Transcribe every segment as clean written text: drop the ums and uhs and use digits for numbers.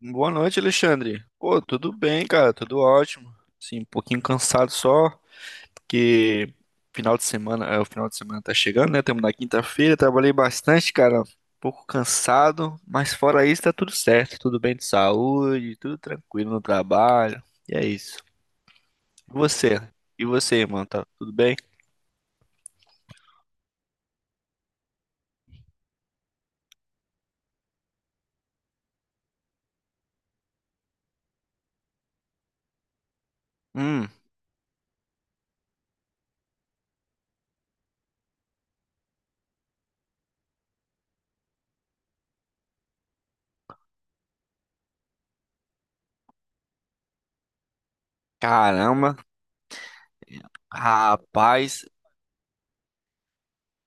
Boa noite, Alexandre. Pô, tudo bem, cara, tudo ótimo. Sim, um pouquinho cansado só, porque final de semana, o final de semana tá chegando, né? Estamos na quinta-feira, trabalhei bastante, cara. Um pouco cansado, mas fora isso tá tudo certo, tudo bem de saúde, tudo tranquilo no trabalho. E é isso. E você? E você, irmão, tá tudo bem? Hum, caramba, rapaz.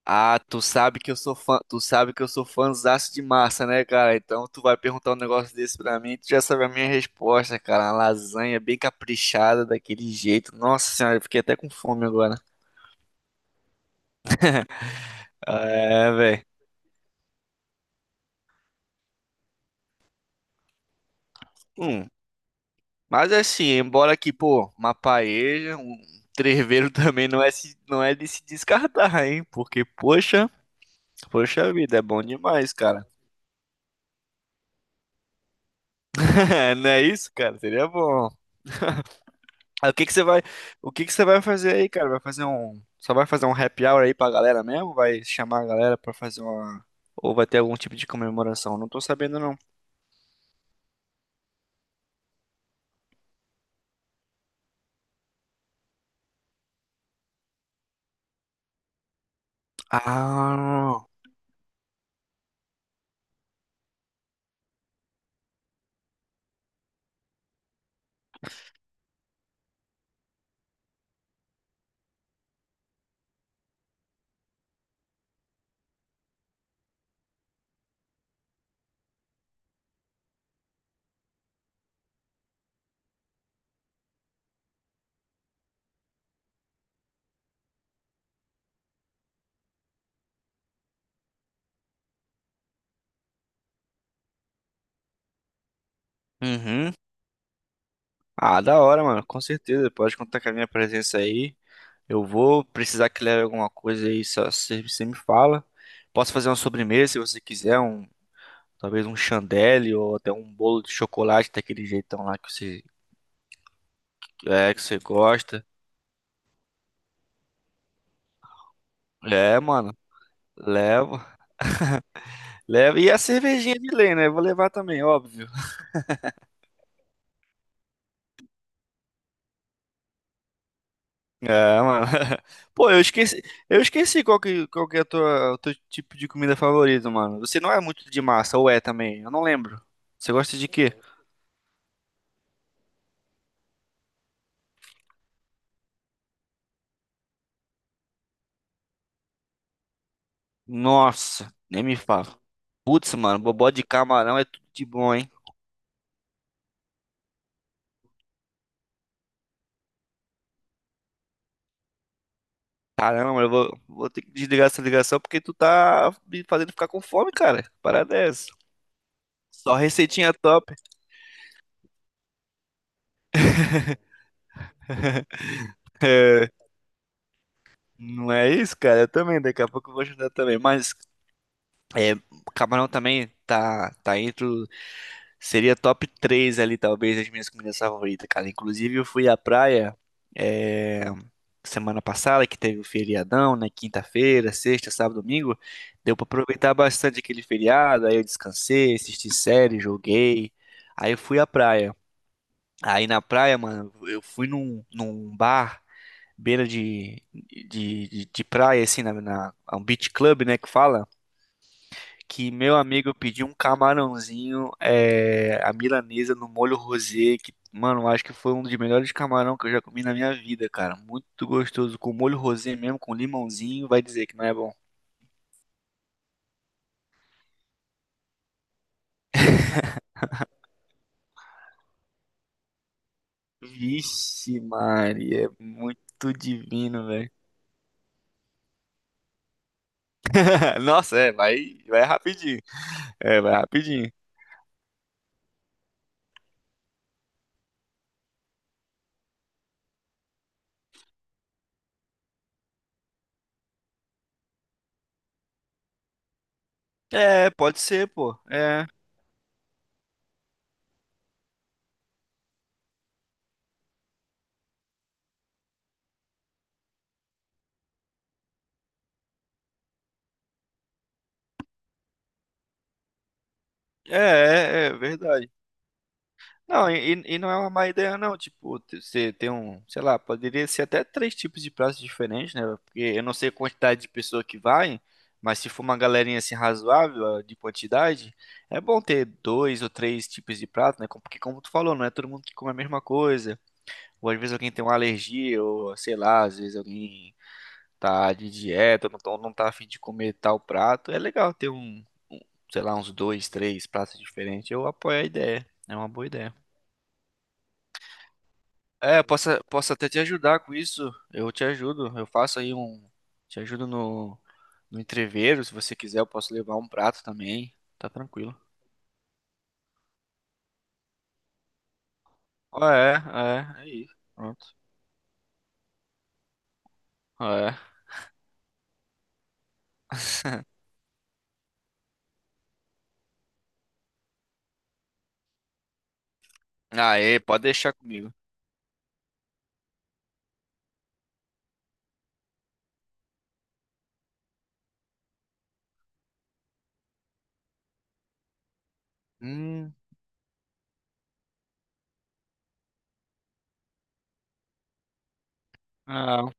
Ah, tu sabe que eu sou fã, tu sabe que eu sou fãzaço de massa, né, cara? Então tu vai perguntar um negócio desse pra mim, tu já sabe a minha resposta, cara. Uma lasanha bem caprichada daquele jeito. Nossa senhora, eu fiquei até com fome agora. É, velho. Hum, mas assim, embora que, pô, uma paeja, um treveiro também não é de se descartar, hein? Porque, poxa vida, é bom demais, cara. Não é isso, cara? Seria bom. Aí, o que que você vai fazer aí, cara? Só vai fazer um happy hour aí pra galera mesmo? Vai chamar a galera pra fazer uma, ou vai ter algum tipo de comemoração? Não tô sabendo não. Ah, uhum. Ah, da hora, mano. Com certeza. Pode contar com a minha presença aí. Eu vou precisar que leve alguma coisa aí, só você me fala. Posso fazer uma sobremesa se você quiser, talvez um chandelle ou até um bolo de chocolate daquele jeitão lá que você gosta. É, mano. Levo. Leva. E a cervejinha de lei, né? Vou levar também, óbvio. Ah, mano. Pô, eu esqueci qual que é a tua, o teu tipo de comida favorito, mano. Você não é muito de massa, ou é também? Eu não lembro. Você gosta de quê? Nossa, nem me fala. Putz, mano, bobó de camarão é tudo de bom, hein? Caramba, mano, eu vou ter que desligar essa ligação porque tu tá me fazendo ficar com fome, cara. Parada é essa. Só receitinha top. É, não é isso, cara? Eu também, daqui a pouco eu vou ajudar também. Mas é, camarão também tá entre. Seria top 3 ali, talvez, as minhas comidas favoritas, cara. Inclusive, eu fui à praia é, semana passada, que teve o feriadão, né? Quinta-feira, sexta, sábado, domingo. Deu pra aproveitar bastante aquele feriado. Aí eu descansei, assisti série, joguei. Aí eu fui à praia. Aí na praia, mano, eu fui num bar, beira de praia, assim, um beach club, né? Que fala que meu amigo pediu um camarãozinho, a milanesa no molho rosé, que, mano, acho que foi um dos melhores camarão que eu já comi na minha vida, cara. Muito gostoso, com molho rosé mesmo, com limãozinho, vai dizer que não é bom. Vixe, Maria, é muito divino, velho. Nossa, vai rapidinho. É, vai rapidinho. É, pode ser, pô. É, é verdade. Não, e não é uma má ideia, não. Tipo, você tem um, sei lá, poderia ser até três tipos de pratos diferentes, né? Porque eu não sei a quantidade de pessoa que vai, mas se for uma galerinha assim razoável de quantidade, é bom ter dois ou três tipos de prato, né? Porque, como tu falou, não é todo mundo que come a mesma coisa. Ou às vezes alguém tem uma alergia, ou sei lá, às vezes alguém tá de dieta, não, não tá a fim de comer tal prato. É legal ter um, sei lá, uns dois, três pratos diferentes. Eu apoio a ideia. É uma boa ideia. É, eu posso até te ajudar com isso. Eu te ajudo. Eu faço aí um. Te ajudo no entreveiro. Se você quiser, eu posso levar um prato também. Tá tranquilo. Ah, é, é. Aí, pronto. Ah, é. Aê, pode deixar comigo. Hum, não.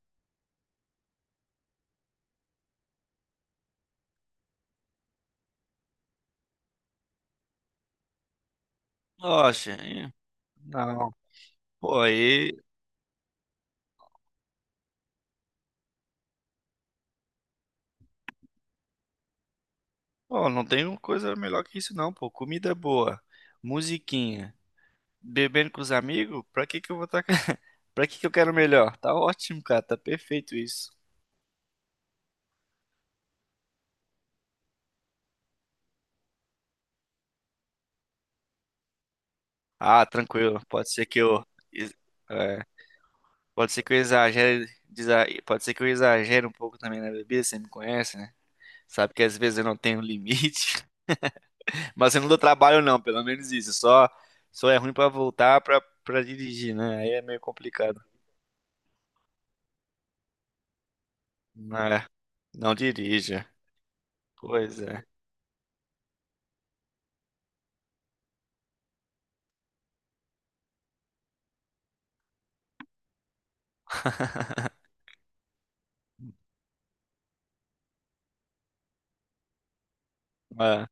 Nossa, hein? Não. Pô, aí. Pô, não tem coisa melhor que isso, não, pô. Comida é boa, musiquinha, bebendo com os amigos. Pra que que eu vou estar. Pra que que eu quero melhor? Tá ótimo, cara. Tá perfeito isso. Ah, tranquilo. Ex- é, pode ser que eu exagere um pouco também na bebida. Você me conhece, né? Sabe que às vezes eu não tenho limite, mas eu não dou trabalho não, pelo menos isso. Só é ruim pra voltar pra para dirigir, né? Aí é meio complicado. É, não dirija. Pois é. É.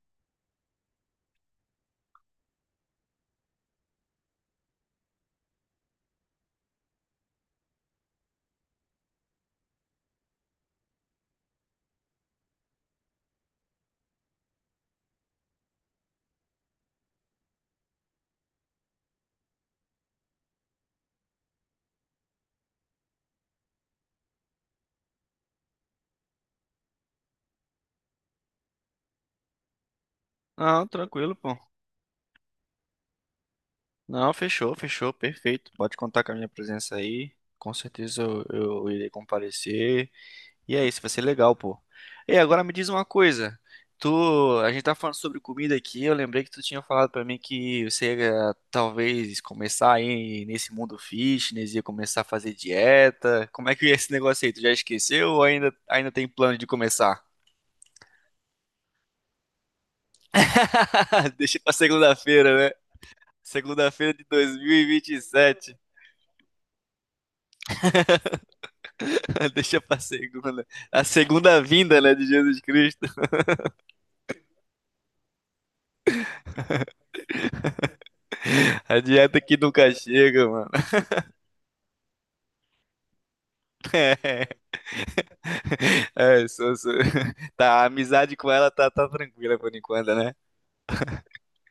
Não, tranquilo, pô. Não, fechou, fechou, perfeito. Pode contar com a minha presença aí. Com certeza eu irei comparecer. E é isso, vai ser legal, pô. E agora me diz uma coisa. Tu, a gente tá falando sobre comida aqui, eu lembrei que tu tinha falado pra mim que você ia talvez começar aí nesse mundo fitness, ia começar a fazer dieta. Como é que é esse negócio aí? Tu já esqueceu ou ainda tem plano de começar? Deixa pra segunda-feira, né? Segunda-feira de dois mil e vinte e sete. Deixa pra segunda. A segunda vinda, né, de Jesus Cristo. A dieta que nunca chega, mano. É, Tá, a amizade com ela tá tranquila por enquanto, né?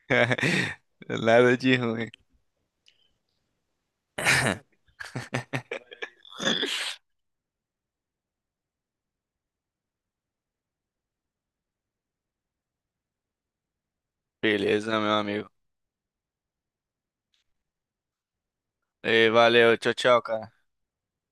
Nada de ruim. Beleza, meu amigo. Ei, valeu, tchau, tchau, cara.